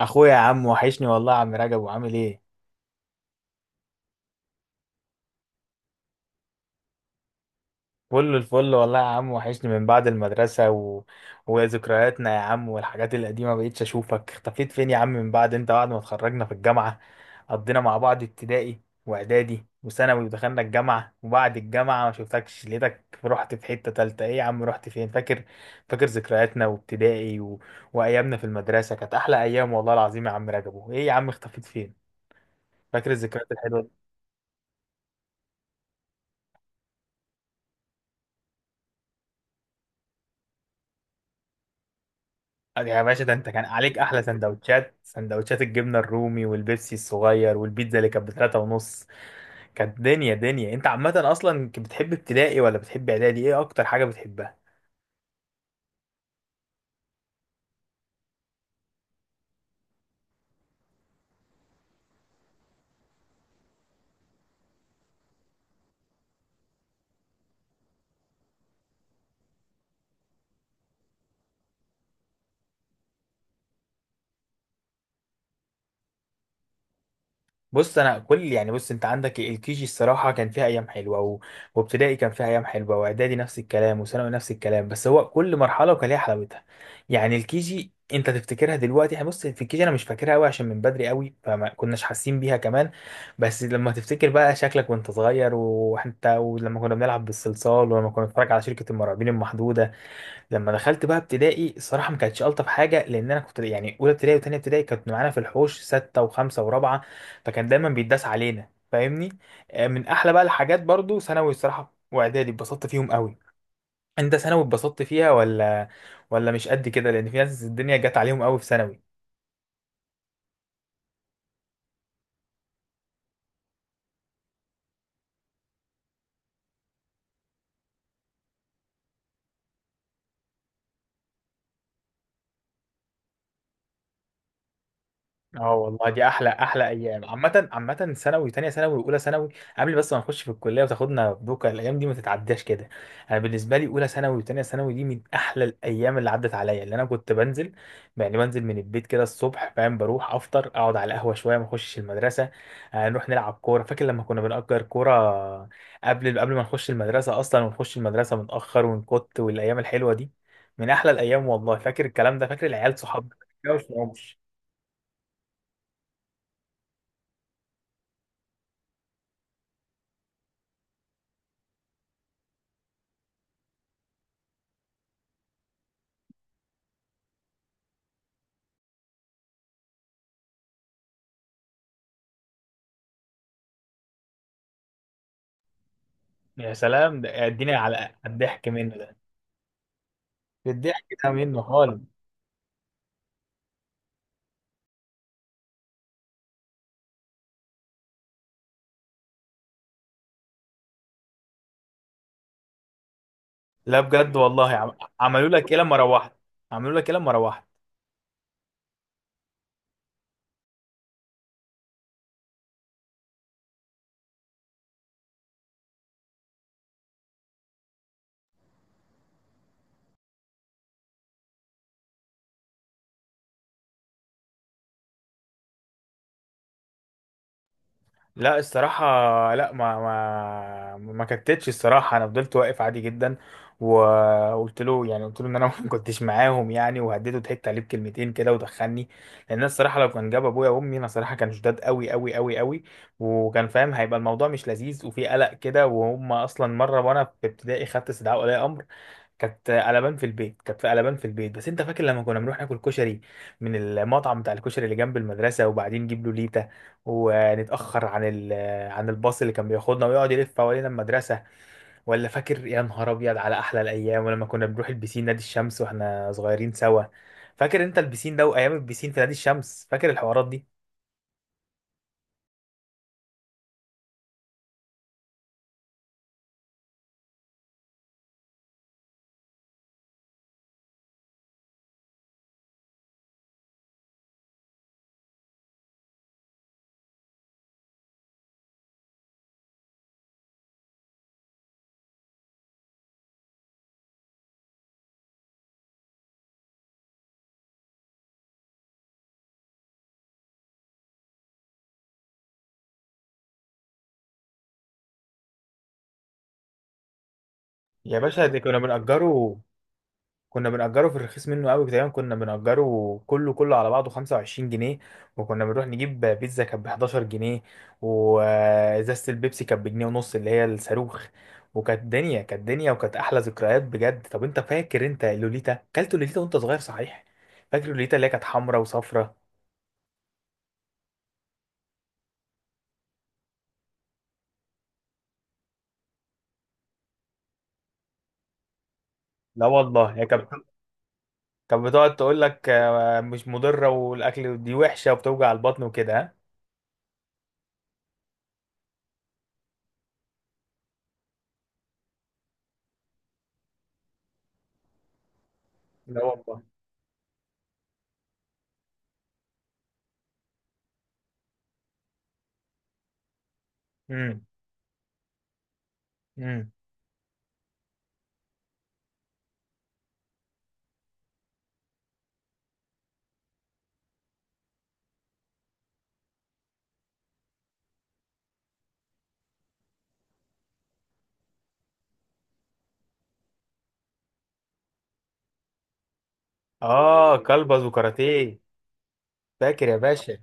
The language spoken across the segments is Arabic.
اخويا يا عم وحشني، والله يا عم رجب، وعامل ايه؟ فل الفل والله يا عم. وحشني من بعد المدرسة وذكرياتنا يا عم والحاجات القديمة، مبقتش اشوفك. اختفيت فين يا عم من بعد انت بعد ما اتخرجنا في الجامعة؟ قضينا مع بعض ابتدائي واعدادي وثانوي ودخلنا الجامعة، وبعد الجامعة ما شفتكش، لقيتك رحت في حتة تالتة. ايه يا عم؟ رحت فين؟ فاكر؟ فاكر ذكرياتنا وابتدائي وايامنا في المدرسة، كانت احلى ايام والله العظيم يا عم رجب. ايه يا عم؟ اختفيت فين؟ فاكر الذكريات الحلوة. يا باشا، ده انت كان عليك احلى سندوتشات، سندوتشات الجبنه الرومي والبيبسي الصغير والبيتزا اللي كانت بتلاتة ونص. كانت دنيا دنيا. انت عامه اصلا كنت بتحب ابتدائي ولا بتحب اعدادي؟ ايه اكتر حاجه بتحبها؟ بص انا كل يعني بص انت عندك الكي جي، الصراحه كان فيها ايام حلوه وابتدائي كان فيها ايام حلوه، واعدادي نفس الكلام، وثانوي نفس الكلام. بس هو كل مرحله وكان ليها حلاوتها. يعني الكي جي انت تفتكرها دلوقتي؟ يعني بص، في الكي جي انا مش فاكرها قوي عشان من بدري قوي، فما كناش حاسين بيها كمان. بس لما تفتكر بقى شكلك وانت صغير وانت ولما كنا بنلعب بالصلصال ولما كنا بنتفرج على شركه المرعبين المحدوده. لما دخلت بقى ابتدائي، الصراحه ما كانتش الطف حاجه، لان انا كنت يعني اولى ابتدائي وثانيه ابتدائي كانت معانا في الحوش سته وخمسه ورابعه، فكان دايما بيتداس علينا، فاهمني؟ من احلى بقى الحاجات برضو ثانوي الصراحه، واعدادي اتبسطت فيهم قوي. انت ثانوي اتبسطت فيها ولا ولا مش قد كده؟ لان في ناس الدنيا جت عليهم قوي في ثانوي. اه والله، دي احلى احلى ايام عامه عامه، ثانوي، تانية ثانوي واولى ثانوي قبل بس ما نخش في الكليه وتاخدنا بوكا. الايام دي ما تتعداش كده. انا بالنسبه لي اولى ثانوي وتانية ثانوي دي من احلى الايام اللي عدت عليا. اللي انا كنت بنزل يعني بنزل من البيت كده الصبح، فاهم، بروح افطر، اقعد على القهوه شويه، ما اخشش المدرسه، نروح نلعب كوره. فاكر لما كنا بنأجر كوره قبل ما نخش المدرسه اصلا، ونخش المدرسه متاخر ونكت، والايام الحلوه دي من احلى الايام والله. فاكر الكلام ده؟ فاكر العيال صحابنا؟ ما تتجاوزش. يا سلام، ده اديني على الضحك منه ده، الضحك ده منه خالص. لا بجد والله، عملوا لك ايه لما روحت؟ عملوا لك ايه لما روحت؟ لا الصراحة، لا ما كتتش الصراحة، انا فضلت واقف عادي جدا، وقلت له يعني قلت له ان انا ما كنتش معاهم يعني، وهديته، ضحكت عليه بكلمتين كده ودخلني. لان أنا الصراحة لو كان جاب ابويا وامي، انا صراحة كان شداد قوي قوي قوي قوي، وكان فاهم هيبقى الموضوع مش لذيذ وفي قلق كده. وهم اصلا مرة وانا في ابتدائي خدت استدعاء ولي امر، كانت قلبان في البيت، كانت في قلبان في البيت. بس انت فاكر لما كنا بنروح ناكل كشري من المطعم بتاع الكشري اللي جنب المدرسه، وبعدين نجيب له ليته ونتاخر عن عن الباص اللي كان بياخدنا ويقعد يلف حوالين المدرسه؟ ولا فاكر يا نهار ابيض على احلى الايام ولما كنا بنروح البسين نادي الشمس واحنا صغيرين سوا؟ فاكر انت البسين ده وايام البسين في نادي الشمس؟ فاكر الحوارات دي؟ يا باشا، اللي كنا بنأجره، كنا بنأجره في الرخيص منه قوي، تقريبا كنا بنأجره كله على بعضه 25 جنيه، وكنا بنروح نجيب بيتزا كانت ب 11 جنيه، وإزازة البيبسي كانت بجنيه ونص اللي هي الصاروخ. وكانت دنيا كانت دنيا، وكانت أحلى ذكريات بجد. طب أنت فاكر أنت لوليتا، كلت لوليتا وأنت صغير صحيح؟ فاكر لوليتا اللي هي كانت حمراء وصفراء؟ لا والله، هي كانت كانت بتقعد تقول لك مش مضرة والأكل دي وحشة وبتوجع البطن وكده، ها؟ لا والله. امم. امم. اه، كلبز وكاراتيه. فاكر يا باشا.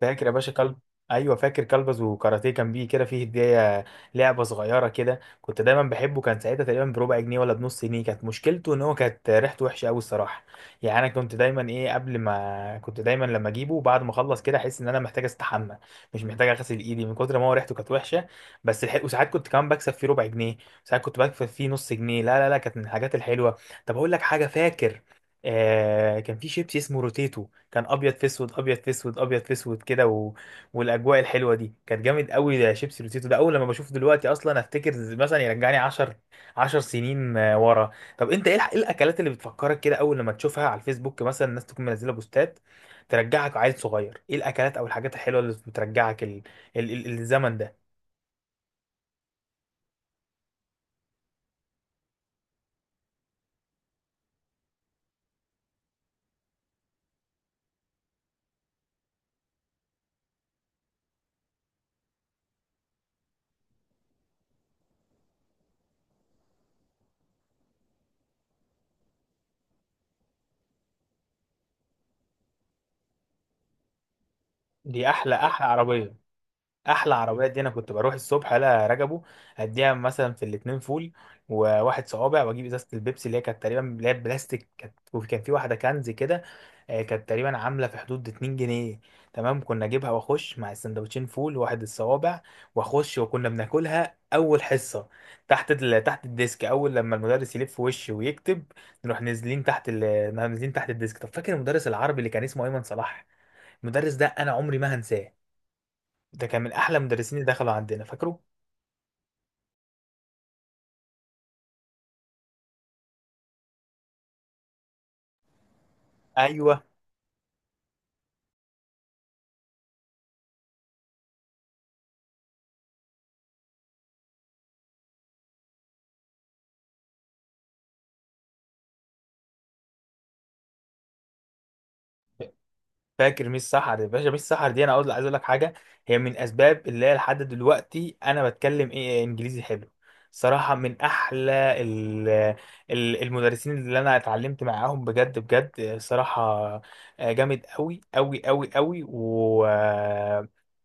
فاكر يا باشا كلب، ايوه فاكر كلبز وكاراتيه، كان بيه كده فيه هديه، لعبه صغيره كده، كنت دايما بحبه. كان ساعتها تقريبا بربع جنيه ولا بنص جنيه. كانت مشكلته ان هو كانت ريحته وحشه قوي الصراحه. يعني انا كنت دايما ايه، قبل ما كنت دايما لما اجيبه بعد ما اخلص كده احس ان انا محتاج استحمى، مش محتاج اغسل ايدي، من كتر ما هو ريحته كانت وحشه. بس وساعات كنت كمان بكسب فيه ربع جنيه، ساعات كنت بكسب فيه نص جنيه. لا، كانت من الحاجات الحلوه. طب اقول لك حاجه، فاكر آه كان في شيبسي اسمه روتيتو، كان ابيض في اسود ابيض في اسود ابيض في اسود كده، والاجواء الحلوه دي كانت جامد قوي. ده شيبسي روتيتو ده، اول لما بشوف دلوقتي اصلا افتكر، مثلا يرجعني 10 سنين ورا. طب انت ايه إيه الاكلات اللي بتفكرك كده اول لما تشوفها على الفيسبوك، مثلا الناس تكون منزله بوستات ترجعك عيل صغير؟ ايه الاكلات او الحاجات الحلوه اللي بترجعك الزمن ده؟ دي احلى احلى عربيه، احلى عربيه دي. انا كنت بروح الصبح الا رجبه، اديها مثلا في الاتنين فول وواحد صوابع، واجيب ازازه البيبسي اللي هي كانت تقريبا اللي هي بلاستيك كانت، وكان في واحده كنز كده، كانت تقريبا عامله في حدود 2 جنيه. تمام، كنا اجيبها واخش مع السندوتشين فول واحد الصوابع، واخش وكنا بناكلها اول حصه تحت تحت الديسك، اول لما المدرس يلف وشي ويكتب نروح نازلين تحت نازلين تحت الديسك. طب فاكر المدرس العربي اللي كان اسمه ايمن صلاح؟ المدرس ده انا عمري ما هنساه، ده كان من احلى مدرسين اللي دخلوا عندنا. فاكره؟ ايوه فاكر ميس سحر. يا باشا، ميس سحر دي انا اقول عايز اقول لك حاجه، هي من اسباب اللي هي لحد دلوقتي انا بتكلم ايه انجليزي حلو. صراحه من احلى المدرسين اللي انا اتعلمت معاهم، بجد بجد صراحه، جامد قوي قوي قوي قوي، و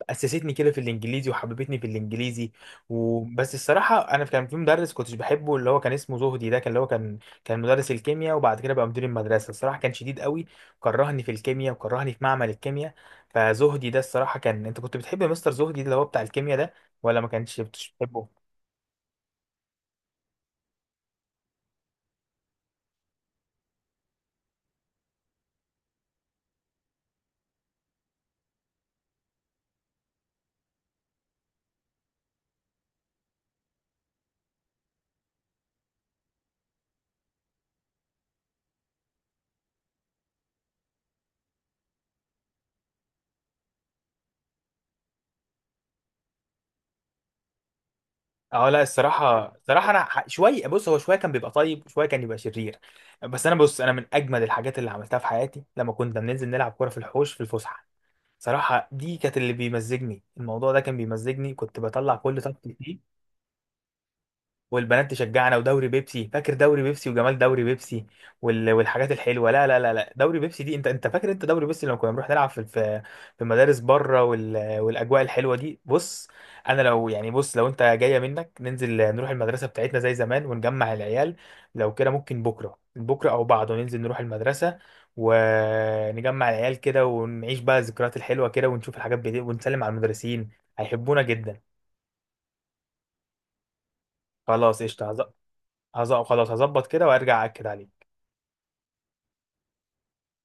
اسستني كده في الانجليزي وحببتني في الانجليزي. وبس الصراحه انا كان في مدرس كنتش بحبه اللي هو كان اسمه زهدي، ده كان اللي هو كان كان مدرس الكيمياء وبعد كده بقى مدير المدرسه. الصراحه كان شديد قوي، كرهني في الكيمياء وكرهني في معمل الكيمياء. فزهدي ده الصراحة، كان انت كنت بتحب مستر زهدي اللي هو بتاع الكيمياء ده ولا ما كانش بتحبه؟ اه لا الصراحة الصراحة انا شوية، بص هو شوية كان بيبقى طيب وشوية كان يبقى شرير. بس انا بص، انا من اجمد الحاجات اللي عملتها في حياتي لما كنا بننزل نلعب كورة في الحوش في الفسحة، صراحة دي كانت اللي بيمزجني، الموضوع ده كان بيمزجني، كنت بطلع كل طاقتي فيه. والبنات تشجعنا، ودوري بيبسي. فاكر دوري بيبسي وجمال دوري بيبسي والحاجات الحلوه؟ لا، دوري بيبسي دي، انت انت فاكر انت دوري بيبسي لما كنا بنروح نلعب في في مدارس بره والاجواء الحلوه دي؟ بص انا لو يعني بص، لو انت جايه منك، ننزل نروح المدرسه بتاعتنا زي زمان ونجمع العيال. لو كده ممكن بكره بكره او بعده، ننزل نروح المدرسه ونجمع العيال كده ونعيش بقى الذكريات الحلوه كده، ونشوف الحاجات بدي، ونسلم على المدرسين، هيحبونا جدا. خلاص قشطه، خلاص هظبط كده وارجع اكد عليك.